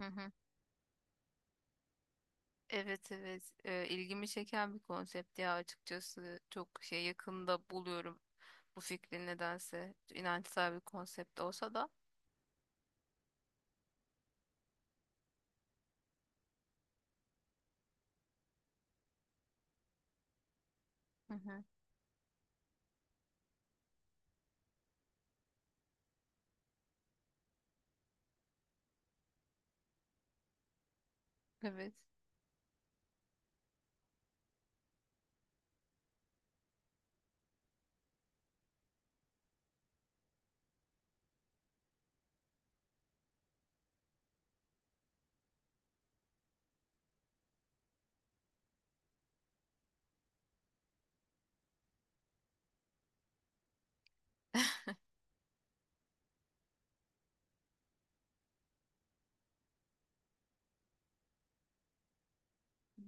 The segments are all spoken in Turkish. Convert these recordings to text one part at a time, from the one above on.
Hı hı. Evet, evet. İlgimi çeken bir konsept, ya açıkçası çok şey, yakında buluyorum bu fikri, nedense inançsal bir konsept olsa da. Hı hı. Evet.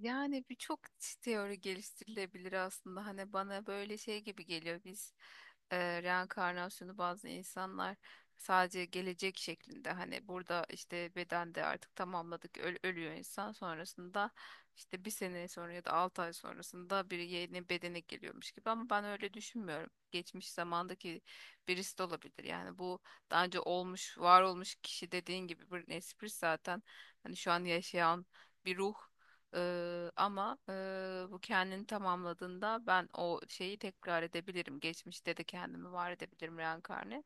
Yani birçok teori geliştirilebilir aslında. Hani bana böyle şey gibi geliyor. Biz reenkarnasyonu bazı insanlar sadece gelecek şeklinde, hani burada işte bedende artık tamamladık, ölüyor insan, sonrasında işte bir sene sonra ya da 6 ay sonrasında bir yeni bedene geliyormuş gibi, ama ben öyle düşünmüyorum. Geçmiş zamandaki birisi de olabilir. Yani bu daha önce olmuş, var olmuş kişi dediğin gibi bir espri zaten. Hani şu an yaşayan bir ruh. Ama bu kendini tamamladığında ben o şeyi tekrar edebilirim. Geçmişte de kendimi var edebilirim reenkarni.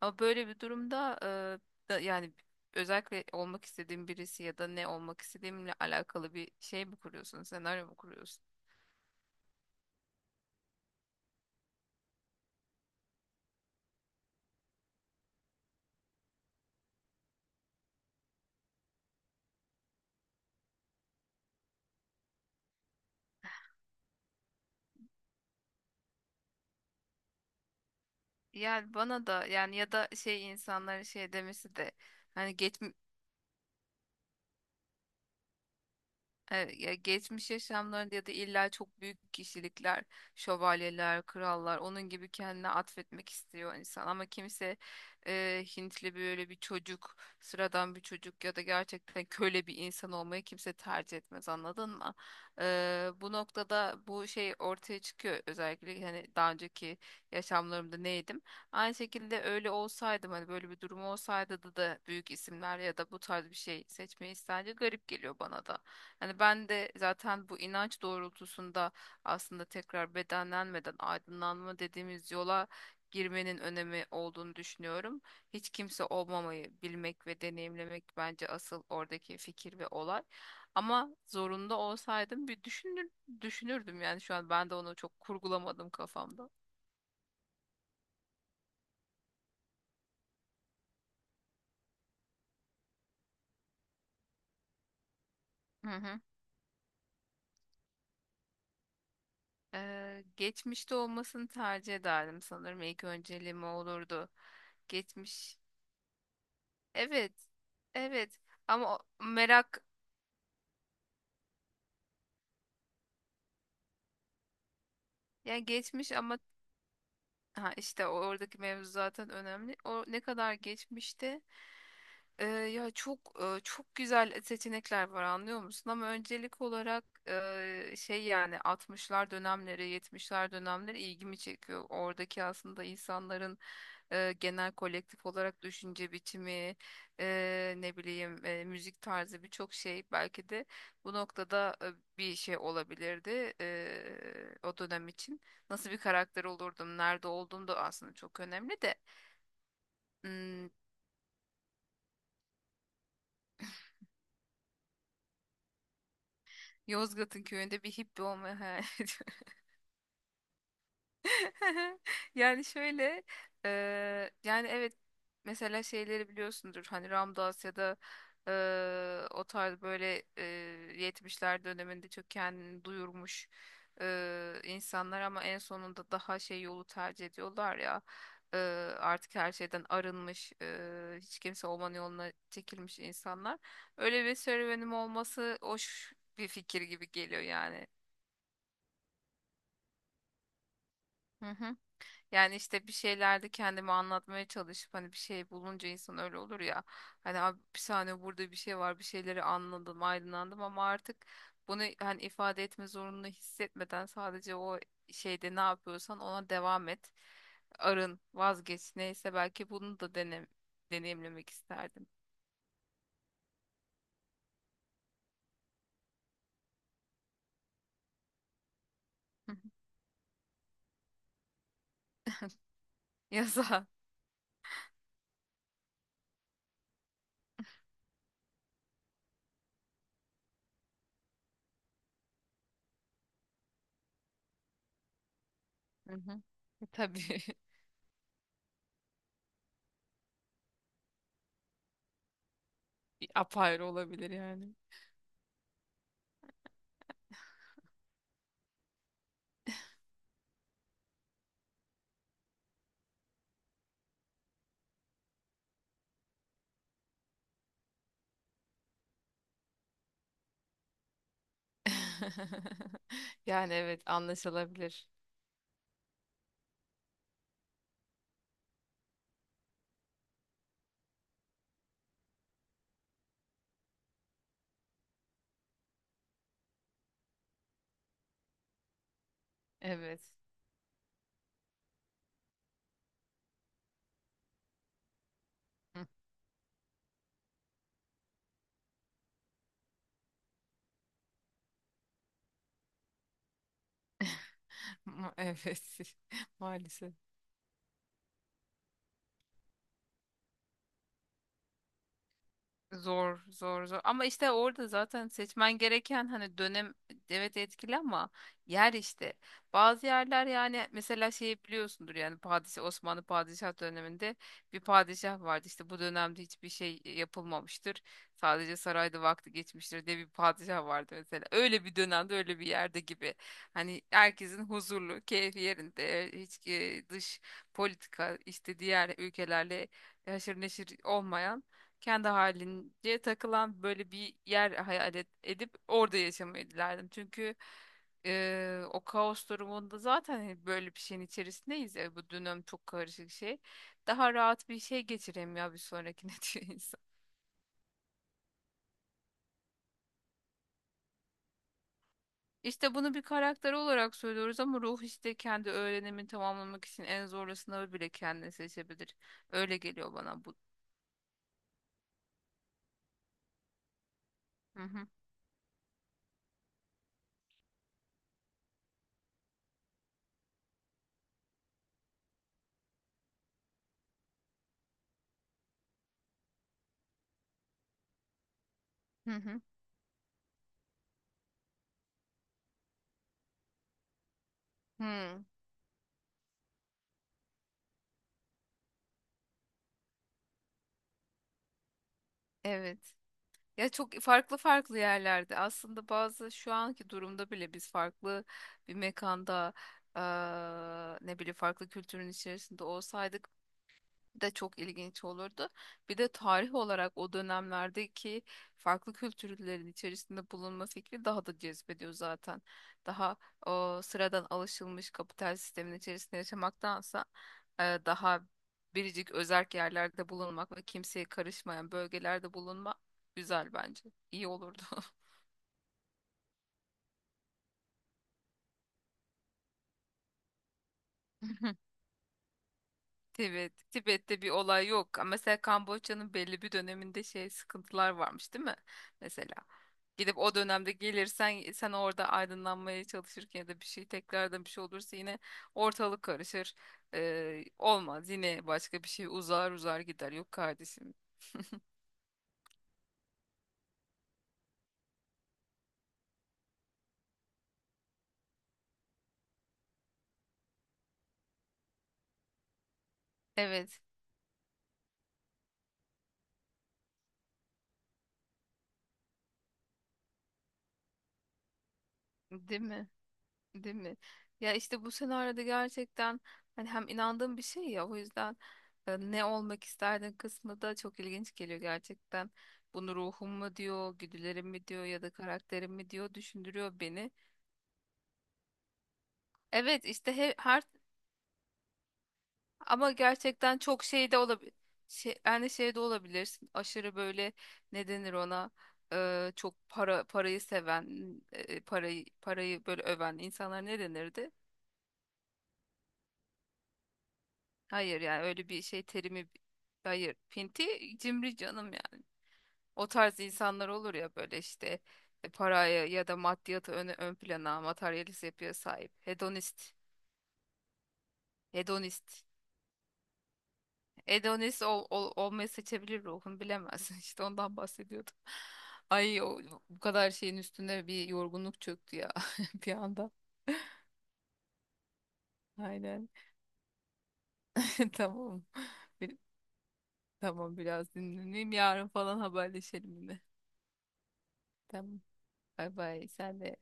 Ama böyle bir durumda yani özellikle olmak istediğim birisi, ya da ne olmak istediğimle alakalı bir şey mi kuruyorsun, senaryo mu kuruyorsun? Yani bana da, yani ya da şey, insanların şey demesi de, hani geç, ya geçmiş yaşamlarında ya da illa çok büyük kişilikler, şövalyeler, krallar, onun gibi kendine atfetmek istiyor insan. Ama kimse Hintli böyle bir çocuk, sıradan bir çocuk ya da gerçekten köle bir insan olmayı kimse tercih etmez, anladın mı? Bu noktada bu şey ortaya çıkıyor. Özellikle hani daha önceki yaşamlarımda neydim? Aynı şekilde öyle olsaydım, hani böyle bir durum olsaydı da büyük isimler ya da bu tarz bir şey seçmeyi isterdi, garip geliyor bana da. Hani ben de zaten bu inanç doğrultusunda aslında tekrar bedenlenmeden aydınlanma dediğimiz yola girmenin önemi olduğunu düşünüyorum. Hiç kimse olmamayı bilmek ve deneyimlemek bence asıl oradaki fikir ve olay. Ama zorunda olsaydım bir düşünür, düşünürdüm yani, şu an ben de onu çok kurgulamadım kafamda. Hı hı. Geçmişte olmasını tercih ederdim sanırım. İlk önceliğim o olurdu. Geçmiş Evet. Evet. Ama o merak, yani geçmiş ama, ha işte oradaki mevzu zaten önemli. O ne kadar geçmişte. Ya çok çok güzel seçenekler var, anlıyor musun? Ama öncelik olarak şey, yani 60'lar dönemleri, 70'ler dönemleri ilgimi çekiyor. Oradaki aslında insanların genel kolektif olarak düşünce biçimi, ne bileyim, müzik tarzı, birçok şey belki de bu noktada bir şey olabilirdi o dönem için. Nasıl bir karakter olurdum, nerede olduğum da aslında çok önemli de. Hmm, Yozgat'ın köyünde bir hippi olmayı hayal ediyorum. Yani şöyle, yani evet, mesela şeyleri biliyorsundur, hani Ramdas ya da o tarz böyle 70'ler döneminde çok kendini duyurmuş insanlar, ama en sonunda daha şey yolu tercih ediyorlar ya, eee, artık her şeyden arınmış, hiç kimse olmanın yoluna çekilmiş insanlar. Öyle bir serüvenim olması hoş bir fikir gibi geliyor yani. Hı hı. Yani işte bir şeylerde kendimi anlatmaya çalışıp, hani bir şey bulunca insan öyle olur ya. Hani abi, bir saniye, burada bir şey var, bir şeyleri anladım, aydınlandım, ama artık bunu hani ifade etme zorunluluğu hissetmeden sadece o şeyde ne yapıyorsan ona devam et. Arın, vazgeç, neyse, belki bunu da deneyimlemek isterdim. Yaza. Hı. Yasa. Hı. Hı. Tabii. Bir apayrı olabilir yani. Yani evet, anlaşılabilir. Evet. Evet. Maalesef. Zor, zor, zor. Ama işte orada zaten seçmen gereken hani dönem, evet, etkili ama yer işte. Bazı yerler, yani mesela şeyi biliyorsundur, yani padişah, Osmanlı padişah döneminde bir padişah vardı. İşte bu dönemde hiçbir şey yapılmamıştır. Sadece sarayda vakti geçmiştir diye bir padişah vardı mesela. Öyle bir dönemde, öyle bir yerde gibi. Hani herkesin huzurlu, keyfi yerinde, hiç dış politika işte diğer ülkelerle haşır neşir olmayan, kendi halince takılan böyle bir yer hayal edip orada yaşamayı dilerdim. Çünkü o kaos durumunda zaten hani böyle bir şeyin içerisindeyiz ya, bu dönem çok karışık şey. Daha rahat bir şey geçireyim ya bir sonrakine, diyor insan. İşte bunu bir karakter olarak söylüyoruz, ama ruh işte kendi öğrenimini tamamlamak için en zorlu sınavı bile kendine seçebilir. Öyle geliyor bana bu. Hı hı. Hı hı. Hı. Evet. Ya çok farklı farklı yerlerde aslında, bazı şu anki durumda bile biz farklı bir mekanda, ne bileyim, farklı kültürün içerisinde olsaydık de çok ilginç olurdu. Bir de tarih olarak o dönemlerdeki farklı kültürlerin içerisinde bulunma fikri daha da cezbediyor zaten. Daha o sıradan alışılmış kapital sistemin içerisinde yaşamaktansa daha biricik özerk yerlerde bulunmak ve kimseye karışmayan bölgelerde bulunmak güzel bence. İyi olurdu. Tibet, Tibet'te bir olay yok. Ama mesela Kamboçya'nın belli bir döneminde şey, sıkıntılar varmış, değil mi? Mesela gidip o dönemde gelirsen, sen orada aydınlanmaya çalışırken ya da bir şey, tekrardan bir şey olursa yine ortalık karışır. Olmaz, yine başka bir şey uzar uzar gider. Yok kardeşim. Evet, değil mi? Değil mi? Ya işte bu senaryoda gerçekten hani hem inandığım bir şey ya, o yüzden ne olmak isterdin kısmı da çok ilginç geliyor gerçekten. Bunu ruhum mu diyor, güdülerim mi diyor ya da karakterim mi diyor, düşündürüyor beni. Evet işte her, ama gerçekten çok şey de olabilir. Şey, yani şey de olabilirsin. Aşırı böyle, ne denir ona? Çok parayı seven, parayı böyle öven insanlar ne denirdi? Hayır, yani öyle bir şey terimi, hayır. Pinti, cimri canım yani. O tarz insanlar olur ya böyle işte, paraya ya da maddiyatı ön plana, materyalist yapıya sahip. Hedonist. Hedonist. Hedonist olmayı seçebilir, ruhun bilemez. İşte ondan bahsediyordum. Ay o, bu kadar şeyin üstüne bir yorgunluk çöktü ya, bir anda. Aynen. Tamam. Bir- tamam, biraz dinleneyim. Yarın falan haberleşelim yine. Tamam. Bay bay. Sen de